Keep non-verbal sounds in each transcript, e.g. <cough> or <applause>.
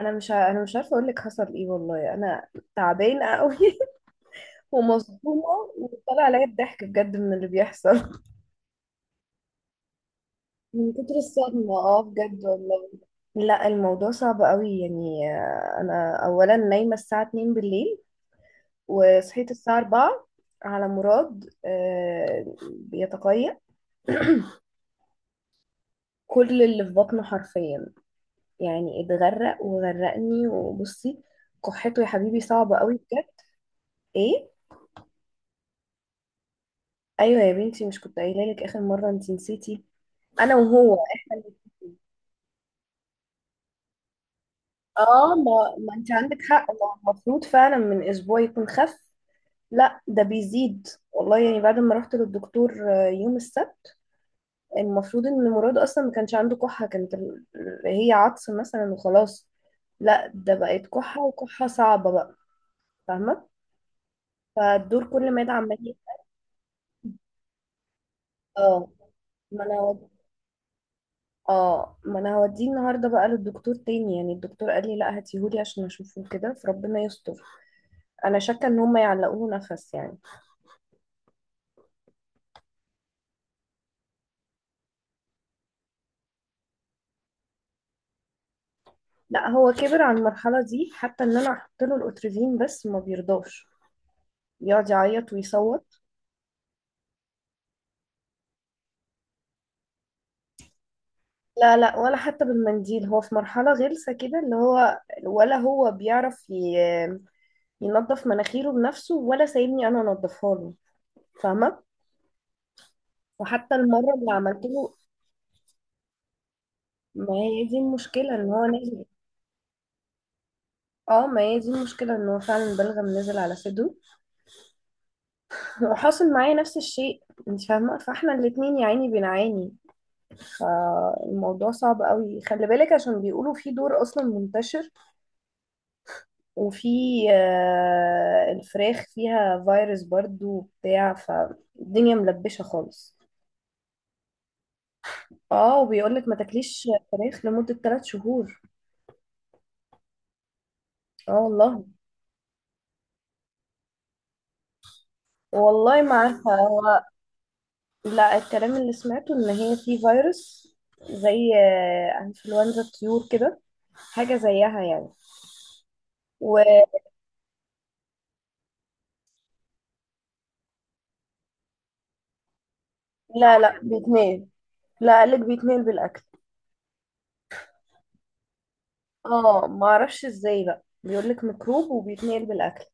انا مش عارفه اقول لك حصل ايه والله، انا تعبانه قوي. <laughs> ومصدومه. وطلع عليا الضحك بجد من اللي بيحصل. من كتر الصدمه اه، بجد والله. لا الموضوع صعب قوي يعني. انا اولا نايمه الساعه 2 بالليل، وصحيت الساعه 4 على مراد. بيتقيأ كل اللي في بطنه حرفيا، يعني اتغرق وغرقني. وبصي كحته يا حبيبي صعبه قوي بجد. ايه. ايوه يا بنتي، مش كنت قايله لك اخر مره؟ انت نسيتي، انا وهو احنا الاتنين. اه ما انت عندك حق، ما هو المفروض فعلا من اسبوع يكون خف. لا ده بيزيد والله، يعني بعد ما رحت للدكتور يوم السبت. المفروض ان مراد اصلا ما كانش عنده كحة، هي عطس مثلا وخلاص. لا ده بقت كحة، وكحة صعبة بقى. فاهمة. فالدور كل ما يدعم اه ما انا هود- اه، ما انا هوديه النهارده بقى للدكتور تاني. يعني الدكتور قال لي لا، هاتيهولي عشان اشوفه كده. فربنا يستر. انا شاكه ان هم يعلقوه نفس يعني. لا هو كبر على المرحله دي، حتى ان انا احط له الاتريفين بس ما بيرضاش، يقعد يعيط ويصوت. لا لا، ولا حتى بالمنديل. هو في مرحله غلسه كده، اللي هو ولا هو ينظف مناخيره بنفسه، ولا سايبني انا انضفها له. فاهمه. وحتى المره اللي عملت له. ما هي دي المشكله، ان هو نازل. اه ما هي دي المشكله، ان هو فعلا بلغم نزل على صدره. <laughs> وحاصل معايا نفس الشيء انت فاهمه. فاحنا الاتنين يا عيني بنعاني. الموضوع صعب قوي، خلي بالك، عشان بيقولوا في دور اصلا منتشر. وفي الفراخ فيها فيروس برضو وبتاع، فالدنيا ملبشة خالص. اه وبيقولك ما تاكليش فراخ لمدة 3 شهور. اه والله. والله ما عارفة هو. لا، الكلام اللي سمعته ان هي في فيروس، زي انفلونزا الطيور كده، حاجة زيها يعني. ولا. لا بيتنقل. لا قالك بيتنقل بالاكل. اه ما اعرفش ازاي بقى، بيقول لك ميكروب وبيتنقل بالاكل.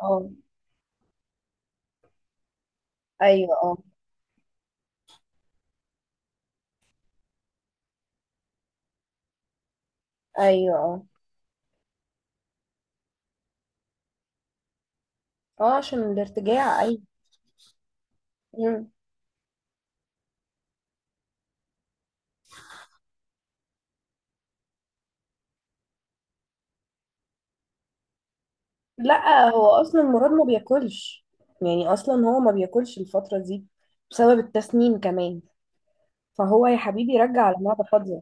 اه. ايوه اه. ايوه اه. اه عشان الارتجاع، ايوه. مم. لا هو اصلا مراد ما بياكلش، يعني اصلا هو ما بياكلش الفتره دي بسبب التسنين كمان. فهو يا حبيبي رجع على معده فاضيه.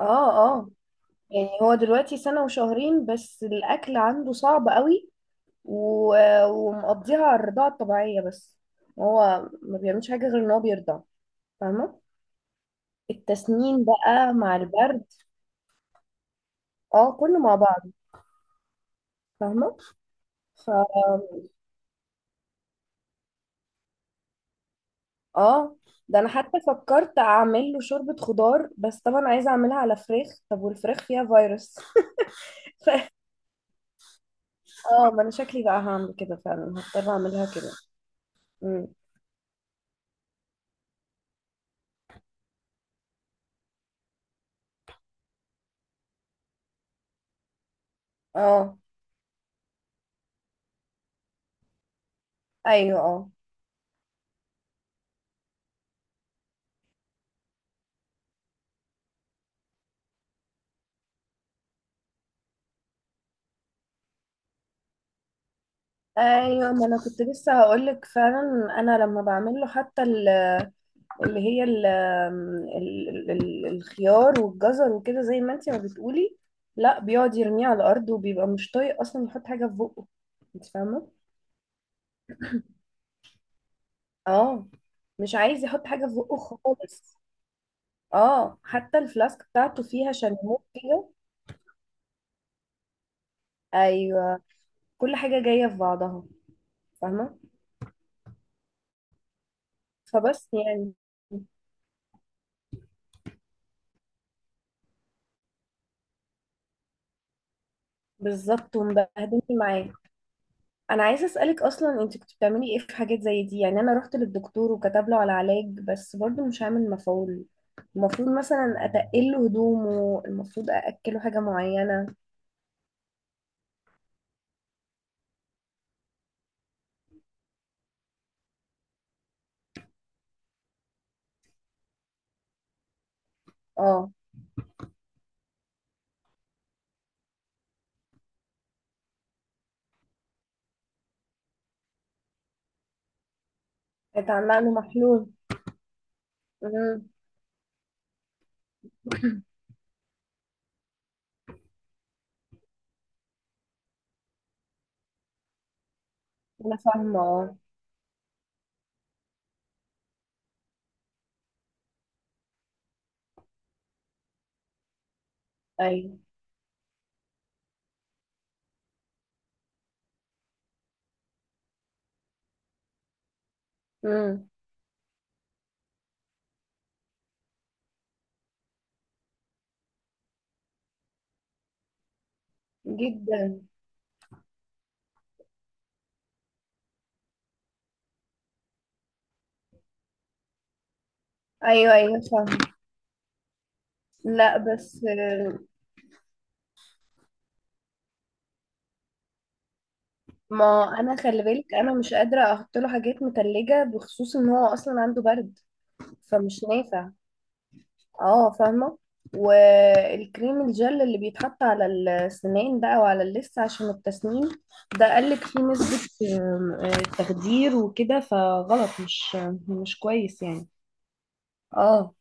اه اه. يعني هو دلوقتي سنه وشهرين، بس الاكل عنده صعب قوي. و... ومقضيها على الرضاعه الطبيعيه بس، هو ما بيعملش حاجه غير ان هو بيرضع. فاهمه. التسنين بقى مع البرد. اه كله مع بعض. فاهمة. ف اه ده انا حتى فكرت اعمل له شوربة خضار، بس طبعا عايزة اعملها على فراخ. طب والفراخ فيها فيروس. <laughs> ف... اه ما انا شكلي بقى هعمل كده فعلا، هضطر اعملها كده. مم. اه. ايوه اه. ايوه، ما انا كنت لسه هقولك فعلا. انا لما بعمل له حتى ال، اللي هي الخيار والجزر وكده زي ما انتي ما بتقولي، لا بيقعد يرميه على الارض وبيبقى مش طايق اصلا يحط حاجه في بقه. انت فاهمه. اه. مش عايز يحط حاجه في بقه. خالص. اه حتى الفلاسك بتاعته فيها شاليمو كده. ايوه. كل حاجه جايه في بعضها، فاهمه. فبس يعني. بالظبط، ومبهدلني معاه. انا عايزه اسالك اصلا، انت كنت بتعملي ايه في حاجات زي دي؟ يعني انا رحت للدكتور وكتب له على علاج بس برضو مش عامل مفعول. المفروض مثلا اتقل له هدومه؟ المفروض ااكله حاجه معينه؟ اه. اتعمل له محلول. امم. انا فاهمه اه. ايوه. امم. جدا. ايوه ايوه فاهمه. لا بس ما انا خلي بالك، انا مش قادره احط له حاجات متلجه بخصوص ان هو اصلا عنده برد، فمش نافع. اه فاهمة. والكريم الجل اللي بيتحط على السنان بقى وعلى اللثة عشان التسنين، ده قالك فيه نسبة آم، آه، تخدير وكده، فغلط، مش مش كويس يعني. اه.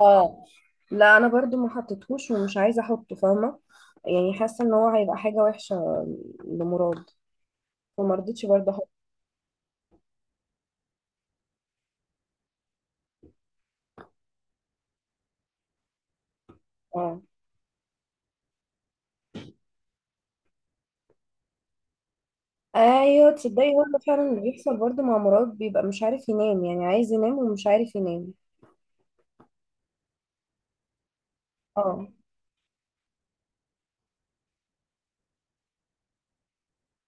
اه لا، انا برضو ما حطيتهوش ومش عايزة احطه. فاهمة. يعني حاسة ان هو هيبقى حاجة وحشة لمراد. وما رضيتش برضو احطه. اه. ايوه تصدقي، هو ده فعلا اللي بيحصل برضو مع مراد، بيبقى مش عارف ينام، يعني عايز ينام ومش عارف ينام. اه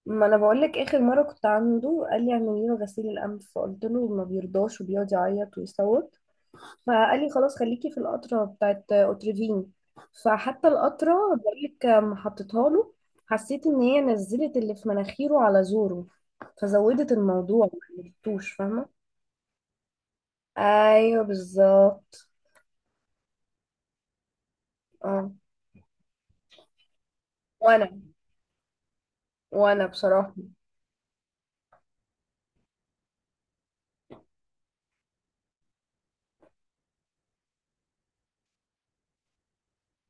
ما انا بقول لك، اخر مره كنت عنده قال لي اعملي له غسيل الانف، فقلت له ما بيرضاش وبيقعد يعيط ويصوت، فقال لي خلاص خليكي في القطره بتاعت اوتريفين. فحتى القطره بقول لك ما حطيتها له، حسيت ان هي نزلت اللي في مناخيره على زوره، فزودت الموضوع، ما عملتوش فاهمه. ايوه بالظبط. اه. وانا، وانا بصراحه.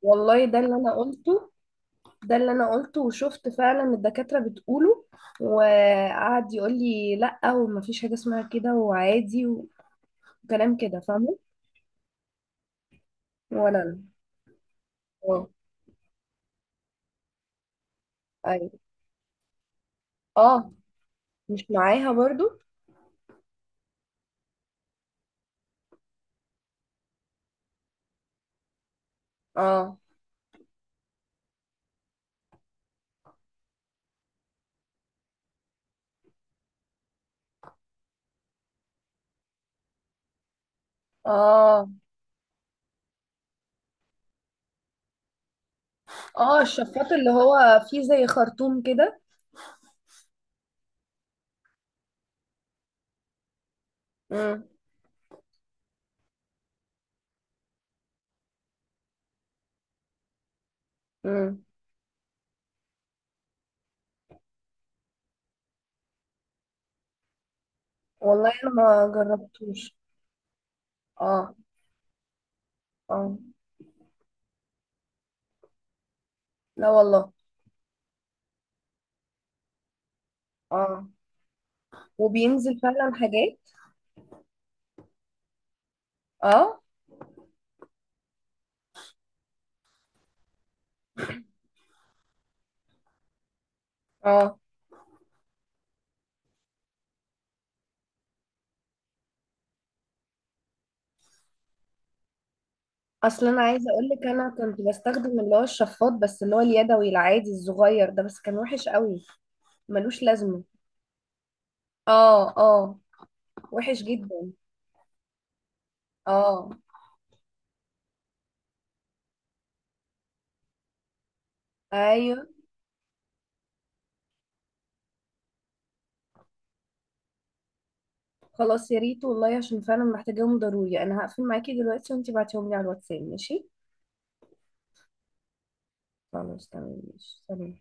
والله ده اللي انا قلته. ده اللي انا قلته وشفت فعلا الدكاترة بتقوله، وقعد يقول لي لا ومفيش حاجة اسمها كده وعادي وكلام كده فاهمه. ولا انا. اه. ايوه. اه. مش معاها برضو. اه. اه. اه الشفاط اللي هو فيه زي خرطوم كده. امم. امم. والله انا ما جربتوش. اه. اه. لا والله. اه وبينزل فعلا حاجات. اه. اه. اصل انا عايزه اقول لك، انا كنت بستخدم اللي هو الشفاط بس اللي هو اليدوي العادي الصغير ده، بس كان وحش قوي، ملوش لازمه. اه. اه وحش جدا. اه. ايوه. خلاص يا ريت والله، عشان فعلا محتاجاهم ضروري. انا هقفل معاكي دلوقتي وانتي بعتيهم لي على الواتساب، ماشي. خلاص تمام ماشي، سلام.